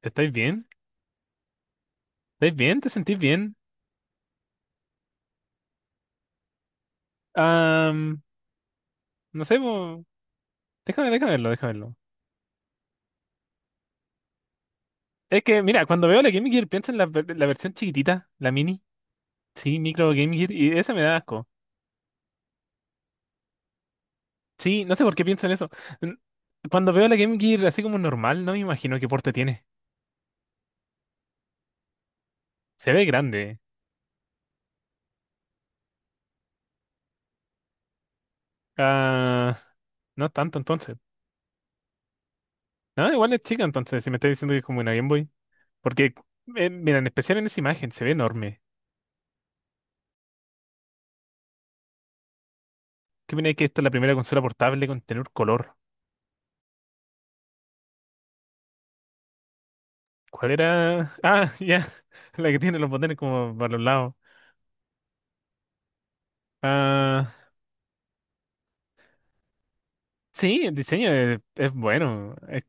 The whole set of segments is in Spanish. ¿Estáis bien? ¿Estáis bien? ¿Te sentís bien? Am, no sé, déjame, déjame verlo, déjame verlo. Es que, mira, cuando veo la Game Gear pienso en la, la versión chiquitita, la mini. Sí, micro Game Gear, y esa me da asco. Sí, no sé por qué pienso en eso. N- Cuando veo la Game Gear así como normal, no me imagino qué porte tiene. Se ve grande. Ah, no tanto entonces. No, igual es chica entonces, si me estás diciendo que es como una Game Boy. Porque, mira, en especial en esa imagen, se ve enorme. ¿Qué viene que esta es la primera consola portable con tener color? ¿Cuál era? Ah, ya. La que tiene los botones como para los lados. Ah, sí, el diseño es bueno.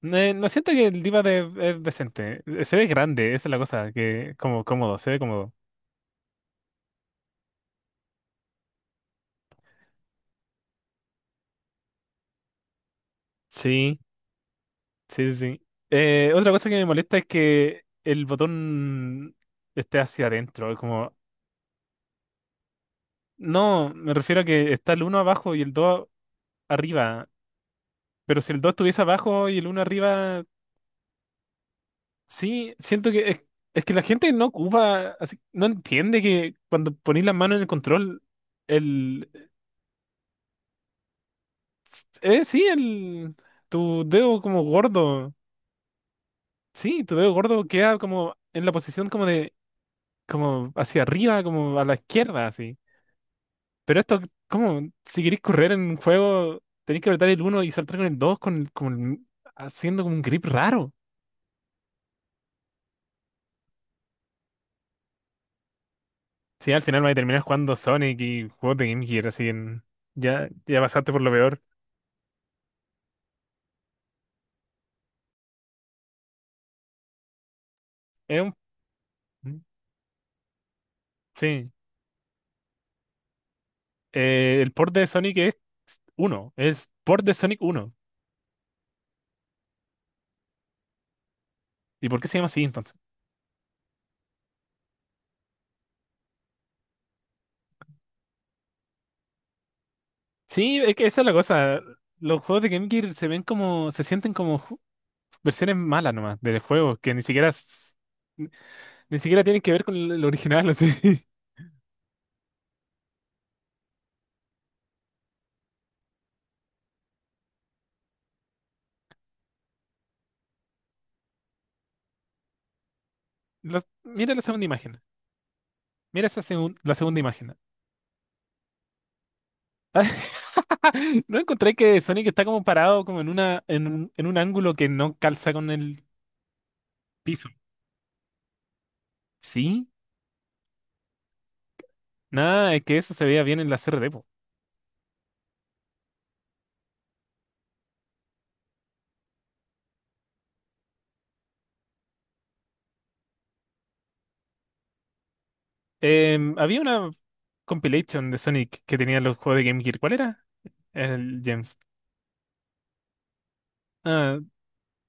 No siento que el diva de, es decente. Se ve grande, esa es la cosa, que como cómodo, se ve cómodo. Sí, sí, sí, sí. Otra cosa que me molesta es que el botón esté hacia adentro. Es como, no, me refiero a que está el uno abajo y el 2 arriba. Pero si el 2 estuviese abajo y el uno arriba, sí, siento que es que la gente no ocupa, no entiende que cuando ponís la mano en el control, el, sí, tu dedo como gordo, sí, tu dedo gordo queda como en la posición como de, como hacia arriba, como a la izquierda, así. Pero esto, como, si queréis correr en un juego, tenéis que apretar el uno y saltar con el 2 haciendo como un grip raro. Sí, al final va a terminar jugando Sonic y juegos de Game Gear, así en, ya, ya pasaste por lo peor. Es un sí. El port de Sonic es uno, es port de Sonic uno. ¿Y por qué se llama así entonces? Sí, es que esa es la cosa. Los juegos de Game Gear se ven como, se sienten como versiones malas nomás del juego, que ni siquiera, ni ni siquiera tienen que ver con el original, así. Mira la segunda imagen. Mira esa la segunda imagen. No encontré que Sonic está como parado como en una, en, en un ángulo que no calza con el piso. ¿Sí? Nada, es que eso se veía bien en la CRD, po. Había una compilation de Sonic que tenía los juegos de Game Gear. ¿Cuál era? El Gems. Ah,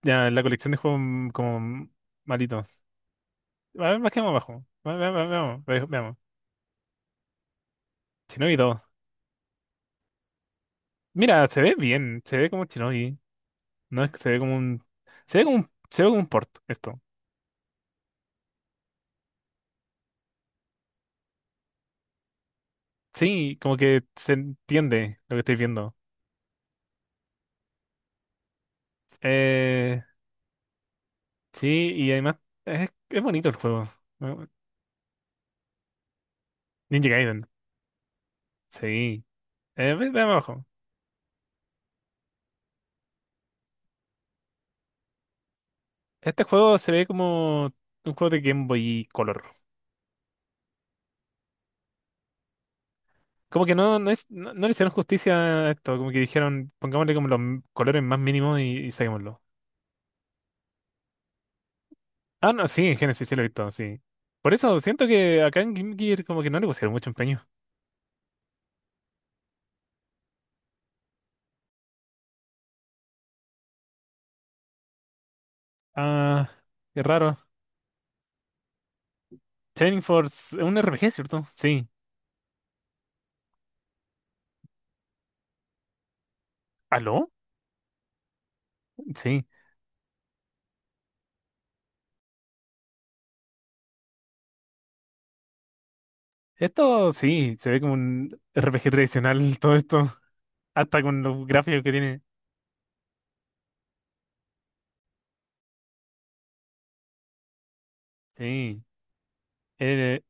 ya, la colección de juegos como malitos. A ver, bajemos abajo. Veamos, veamos. Shinobi 2. Mira, se ve bien, se ve como Shinobi. No es que se ve como un. Se ve como un, se ve como un port esto. Sí, como que se entiende lo que estoy viendo. Eh, sí, y además es bonito el juego, ¿no? Ninja Gaiden. Sí. Veamos abajo. Este juego se ve como un juego de Game Boy Color. Como que no, no, es, no, no le hicieron justicia a esto, como que dijeron, pongámosle como los colores más mínimos y saquémoslo. Ah, no, sí, en Genesis sí lo he visto, sí. Por eso siento que acá en Game Gear como que no le pusieron mucho empeño. Ah, qué raro. Shining Force es un RPG, ¿cierto? Sí. ¿Aló? Sí. Esto sí, se ve como un RPG tradicional todo esto, hasta con los gráficos que tiene. Sí. Eh,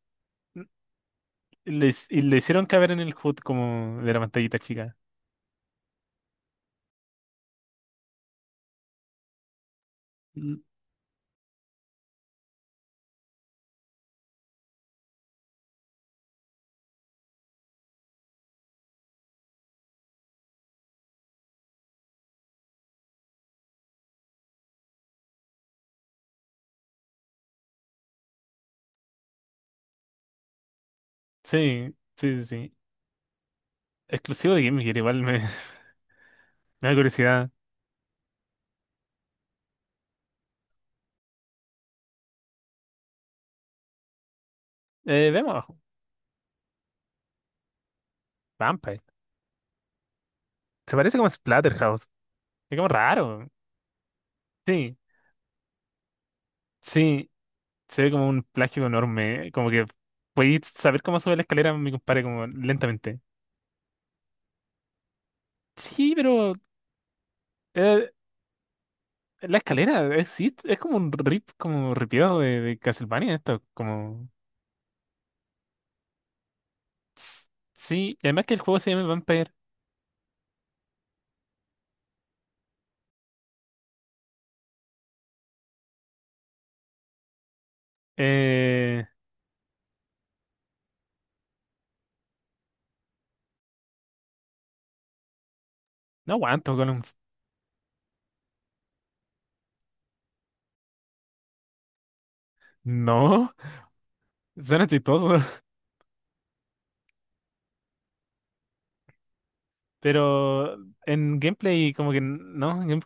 y le hicieron caber en el HUD como de la pantallita chica. Mm, sí, sí, sí, sí. Exclusivo de Game Gear, igual me, me da curiosidad. Vemos Vampire. Se parece como a Splatterhouse. Es como raro. Sí, sí. Se ve como un plagio enorme. Como que podéis saber cómo sube la escalera, mi compadre, como lentamente. Sí, pero eh, la escalera es es como un rip, como ripiado de Castlevania esto. Como. s- Sí, y además que el juego se llama Vampire. Eh, no aguanto, Golems. No, suena chistoso. Pero en gameplay como que no, en,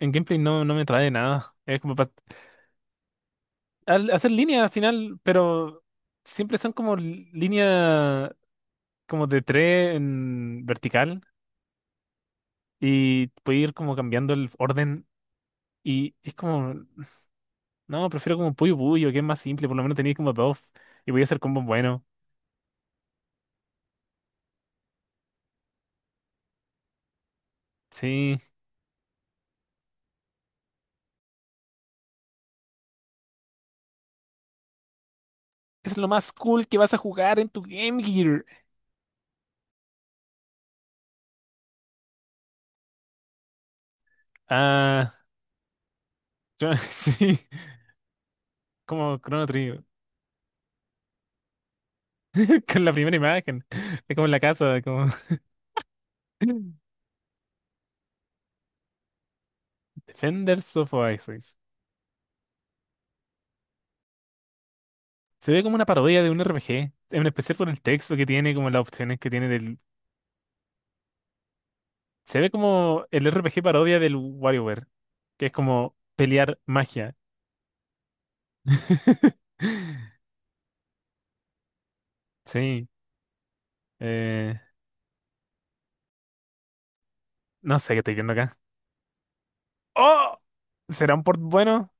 en gameplay no, no me trae nada. Es como hacer línea al final, pero siempre son como línea como de tres en vertical y puede ir como cambiando el orden y es como, no, prefiero como Puyo Puyo, que es más simple, por lo menos tenéis como buff y voy a hacer combos buenos. Sí, es lo más cool que vas a jugar en tu Game Gear. Ah, sí, como Chrono Trigger. Con la primera imagen. Es como en la casa, como Defenders of Oasis. Se ve como una parodia de un RPG, en especial por el texto que tiene, como las opciones que tiene del... Se ve como el RPG parodia del WarioWare, que es como pelear magia. Sí. Eh, no sé qué estoy viendo acá. ¡Oh! ¿Será un port bueno?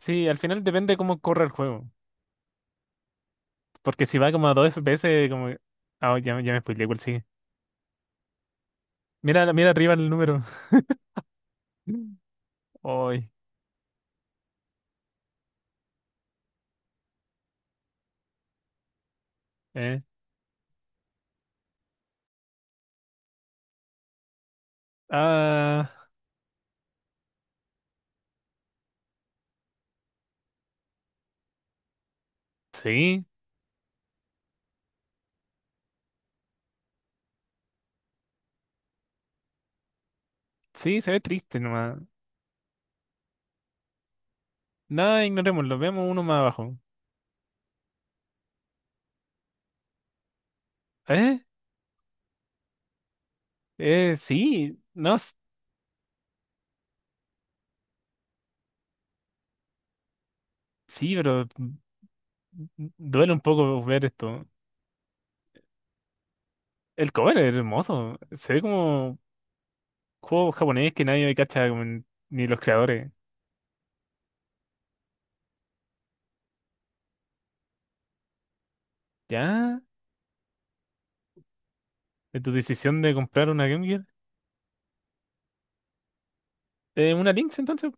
Sí, al final depende cómo corre el juego. Porque si va como a 2 FPS, como... Ah, ya, ya me spoileé cuál sigue. Mira, mira arriba el número. Ay. Eh, ah, sí, sí, se ve triste nomás. Nada, ignorémoslo, veamos uno más abajo. ¿Eh? Sí, no, sí, pero duele un poco ver esto. El cover es hermoso, se ve como juego japonés que nadie cacha, como ni los creadores. ¿Ya? ¿De tu decisión de comprar una Game Gear? ¿Una Lynx entonces?